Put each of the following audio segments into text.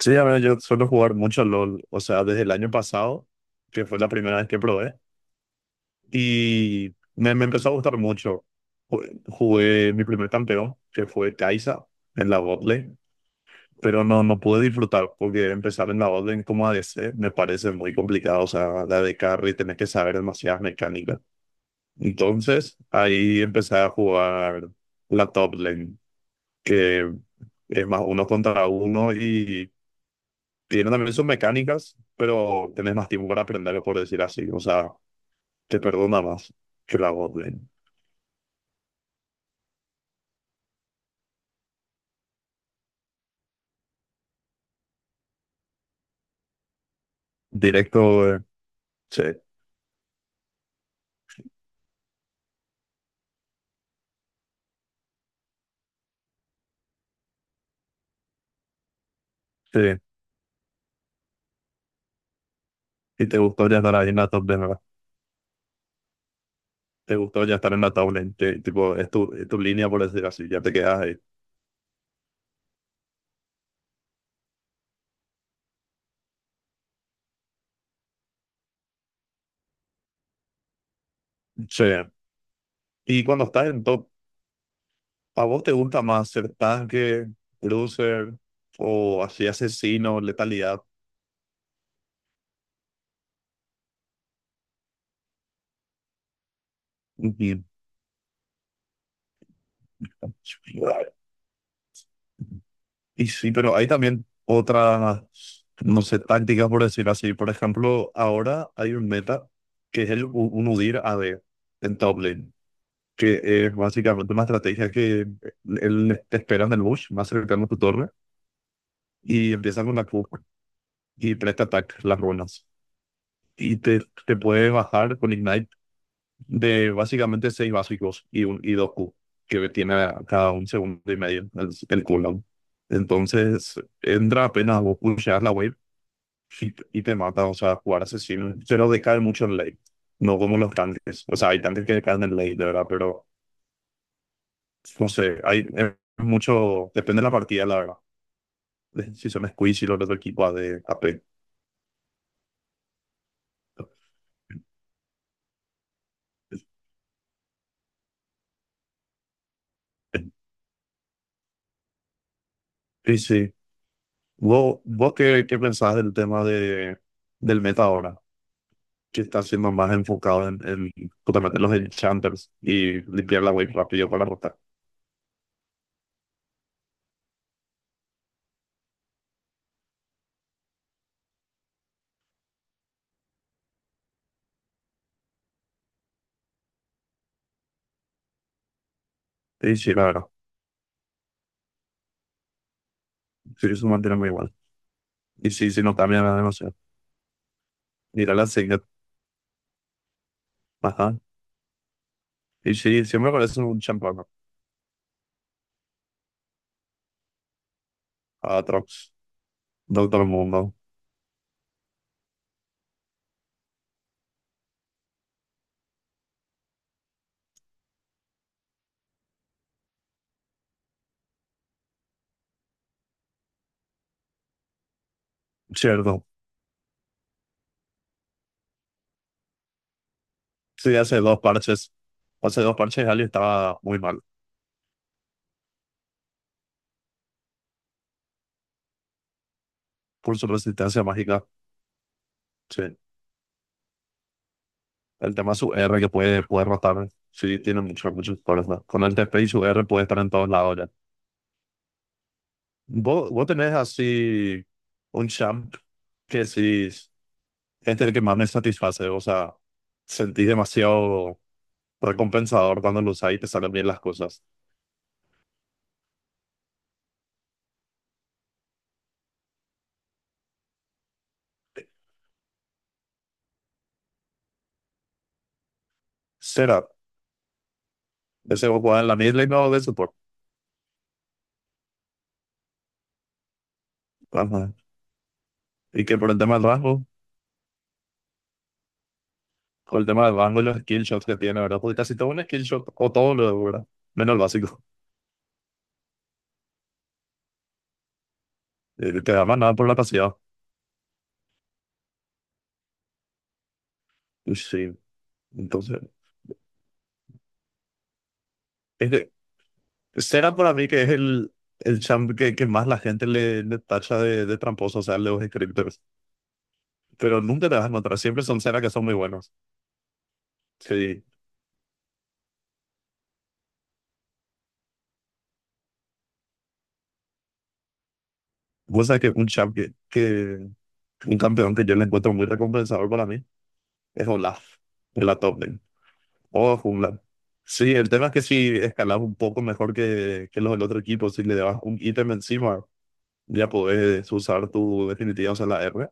Sí, a ver, yo suelo jugar mucho LOL, o sea, desde el año pasado, que fue la primera vez que probé, y me empezó a gustar mucho. Jugué mi primer campeón, que fue Kai'Sa, en la botlane, pero no pude disfrutar, porque empezar en la botlane como a ADC me parece muy complicado, o sea, la de carry, tenés que saber demasiadas mecánicas. Entonces, ahí empecé a jugar la top lane, que es más uno contra uno y tiene también sus mecánicas, pero tenés más tiempo para aprender, por decir así. O sea, te perdona más que la Godwin. Directo, sí, sí. Y te gustó ya estar ahí en la top lane, ¿verdad? Te gustó ya estar en la top lane, tipo, es tu línea, por decir así, ya te quedas ahí. Sí. Y cuando estás en top, ¿a vos te gusta más ser tanque, cruiser o así asesino, letalidad? Ujú. Y sí, pero hay también otras, no sé, tácticas por decir así. Por ejemplo, ahora hay un meta que es un UDIR a AD en top lane, que es básicamente una estrategia que él te espera en el bush, más cercano a tu torre, y empieza con la Q y presta ataques, las runas. Y te, te puedes bajar con Ignite de básicamente seis básicos y, un, y dos Q, que tiene cada un segundo y medio el cooldown. Entonces, entra apenas vos pusheas la wave y te mata. O sea, jugar asesino se nos decae mucho en late, no como los tanques. O sea, hay tanques que decaen en late, de verdad, pero no sé, hay es mucho, depende de la partida, la verdad. De Si son squeeze y los otro equipo A de AP. Y sí, sí. Vos qué, qué pensás del tema de, del meta ahora, que está siendo más enfocado en justamente los enchanters y limpiar la wave rápido para rotar. Sí, sí, la verdad. Sí, eso mantiene muy igual. Y sí, sí, no también me da demasiado. Mira la signet. Ajá. Y sí, siempre parece un champán. Atrox. Doctor Mundo. Cierto. Sí, hace dos parches. Hace dos parches, Ali estaba muy mal. Por su resistencia mágica. Sí. El tema es su R que puede, puede rotar. Sí, tiene muchos, muchos colores, ¿no? Con el TP y su R puede estar en todos lados ya. ¿Vos tenés así un champ que sí es el que más me satisface? O sea, sentís demasiado recompensador cuando lo usás y te salen bien las cosas. Será, ¿ese vos jugás en la mid lane o de support? Ajá. Y que por el tema del rango, por el tema del rango y los skill shots que tiene, ¿verdad? Porque casi todo un skill shot o todo lo, ¿verdad? Menos el básico. Te da más nada por la pasividad. Y sí, entonces es que Sega para mí que es el champ que más la gente le, le tacha de tramposo, o sea, los scripters. Pero nunca te vas a encontrar, siempre son Sega que son muy buenos. Sí. Vos sabés que un champ que, un campeón que yo le encuentro muy recompensador para mí es Olaf, de la top lane. O jungla. Sí, el tema es que si escalas un poco mejor que los del otro equipo, si le das un ítem encima, ya podés usar tu definitiva, o sea, la R,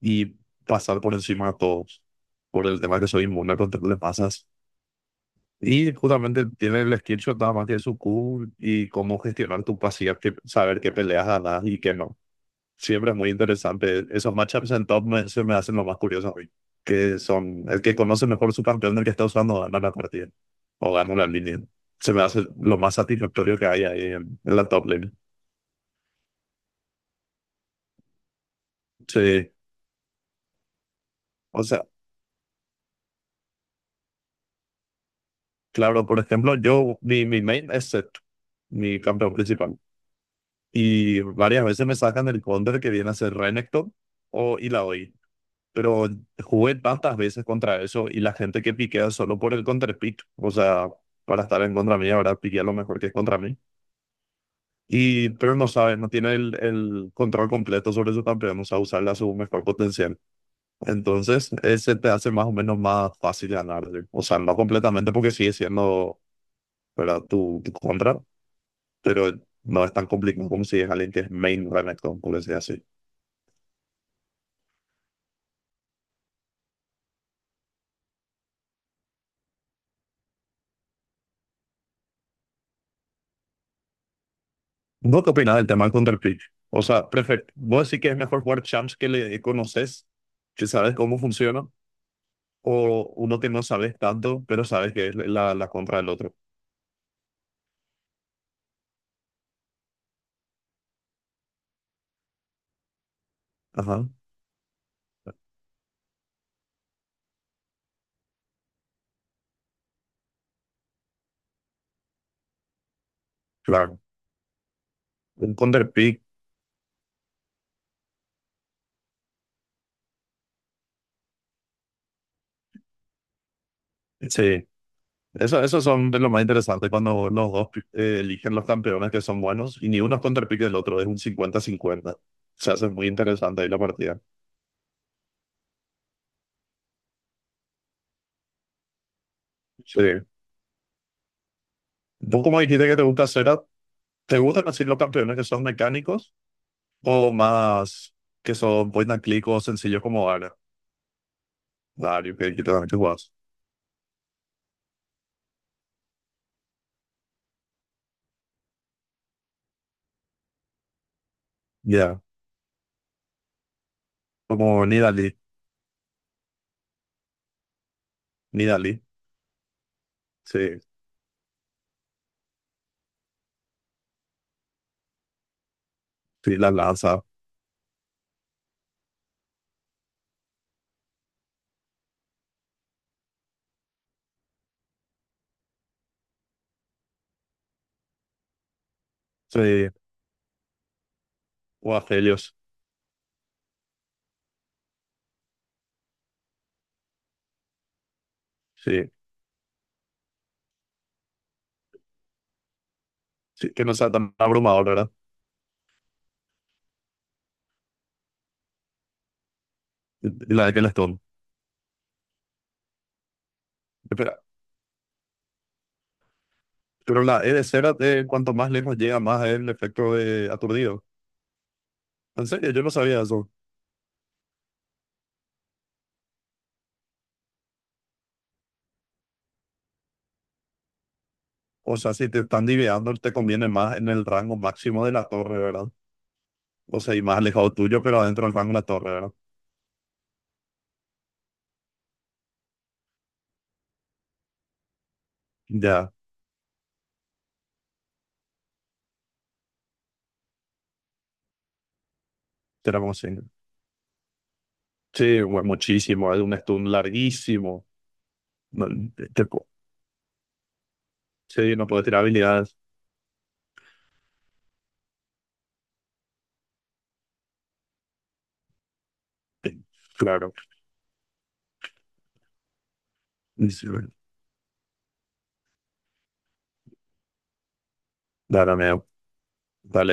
y pasar por encima de todos por el tema que soy inmune contra le pasas. Y justamente tiene el skill shot, nada más tiene su Q y cómo gestionar tu pasiva, que, saber qué peleas ganas y qué no. Siempre es muy interesante. Esos matchups en top me, se me hacen lo más curioso hoy. Que son el que conoce mejor su campeón del que está usando gana la partida o gana la línea. Se me hace lo más satisfactorio que hay ahí en la top lane. Sí. O sea, claro, por ejemplo, yo, mi main es Zed, mi campeón principal. Y varias veces me sacan del counter que viene a ser Renekton o Illaoi. Pero jugué tantas veces contra eso y la gente que piquea solo por el counter pick, o sea, para estar en contra mí, ahora piquea lo mejor que es contra mí. Y, pero no sabe, no tiene el control completo sobre su campeón, o sea, usarla a su mejor potencial. Entonces, ese te hace más o menos más fácil ganar, ¿sí? O sea, no completamente porque sigue siendo, ¿verdad? Tu contra, pero no es tan complicado como si es alguien que es main Renekton, por decir así. ¿Vos qué opinás del tema del el? O sea, perfecto. ¿Vos decís que es mejor jugar champs que le conoces, que sabes cómo funciona, o uno que no sabes tanto, pero sabes que es la, la contra del otro? Ajá, claro. El counter sí. Eso, esos son de lo más interesante cuando los dos eligen los campeones que son buenos y ni uno es counter del otro, es un cincuenta-cincuenta. Se hace muy interesante ahí la partida. Sí. Vos como dijiste que te gusta hacer, ¿te gustan así los campeones que son mecánicos? O más que son point and click o sencillos como Dario. Dario, que también tú jugás. Ya. Como Nidalee. Nidalee. Sí. Sí, la lanza. Sí. O Aphelios. Sí. Sí. Que no sea tan abrumador, ¿verdad? Y la de Kelestone. Pero, pero la E de Cera, cuanto más lejos llega, más el efecto de aturdido. En serio, yo no sabía eso. O sea, si te están diveando, te conviene más en el rango máximo de la torre, ¿verdad? O sea, y más alejado tuyo, pero adentro del rango de la torre, ¿verdad? Ya, será como así. Sí, bueno, muchísimo, es un estudio larguísimo. No, te- te- sí, no puedo tirar habilidades. Sí, claro. Sí, bueno. Dale, amigo. Dale,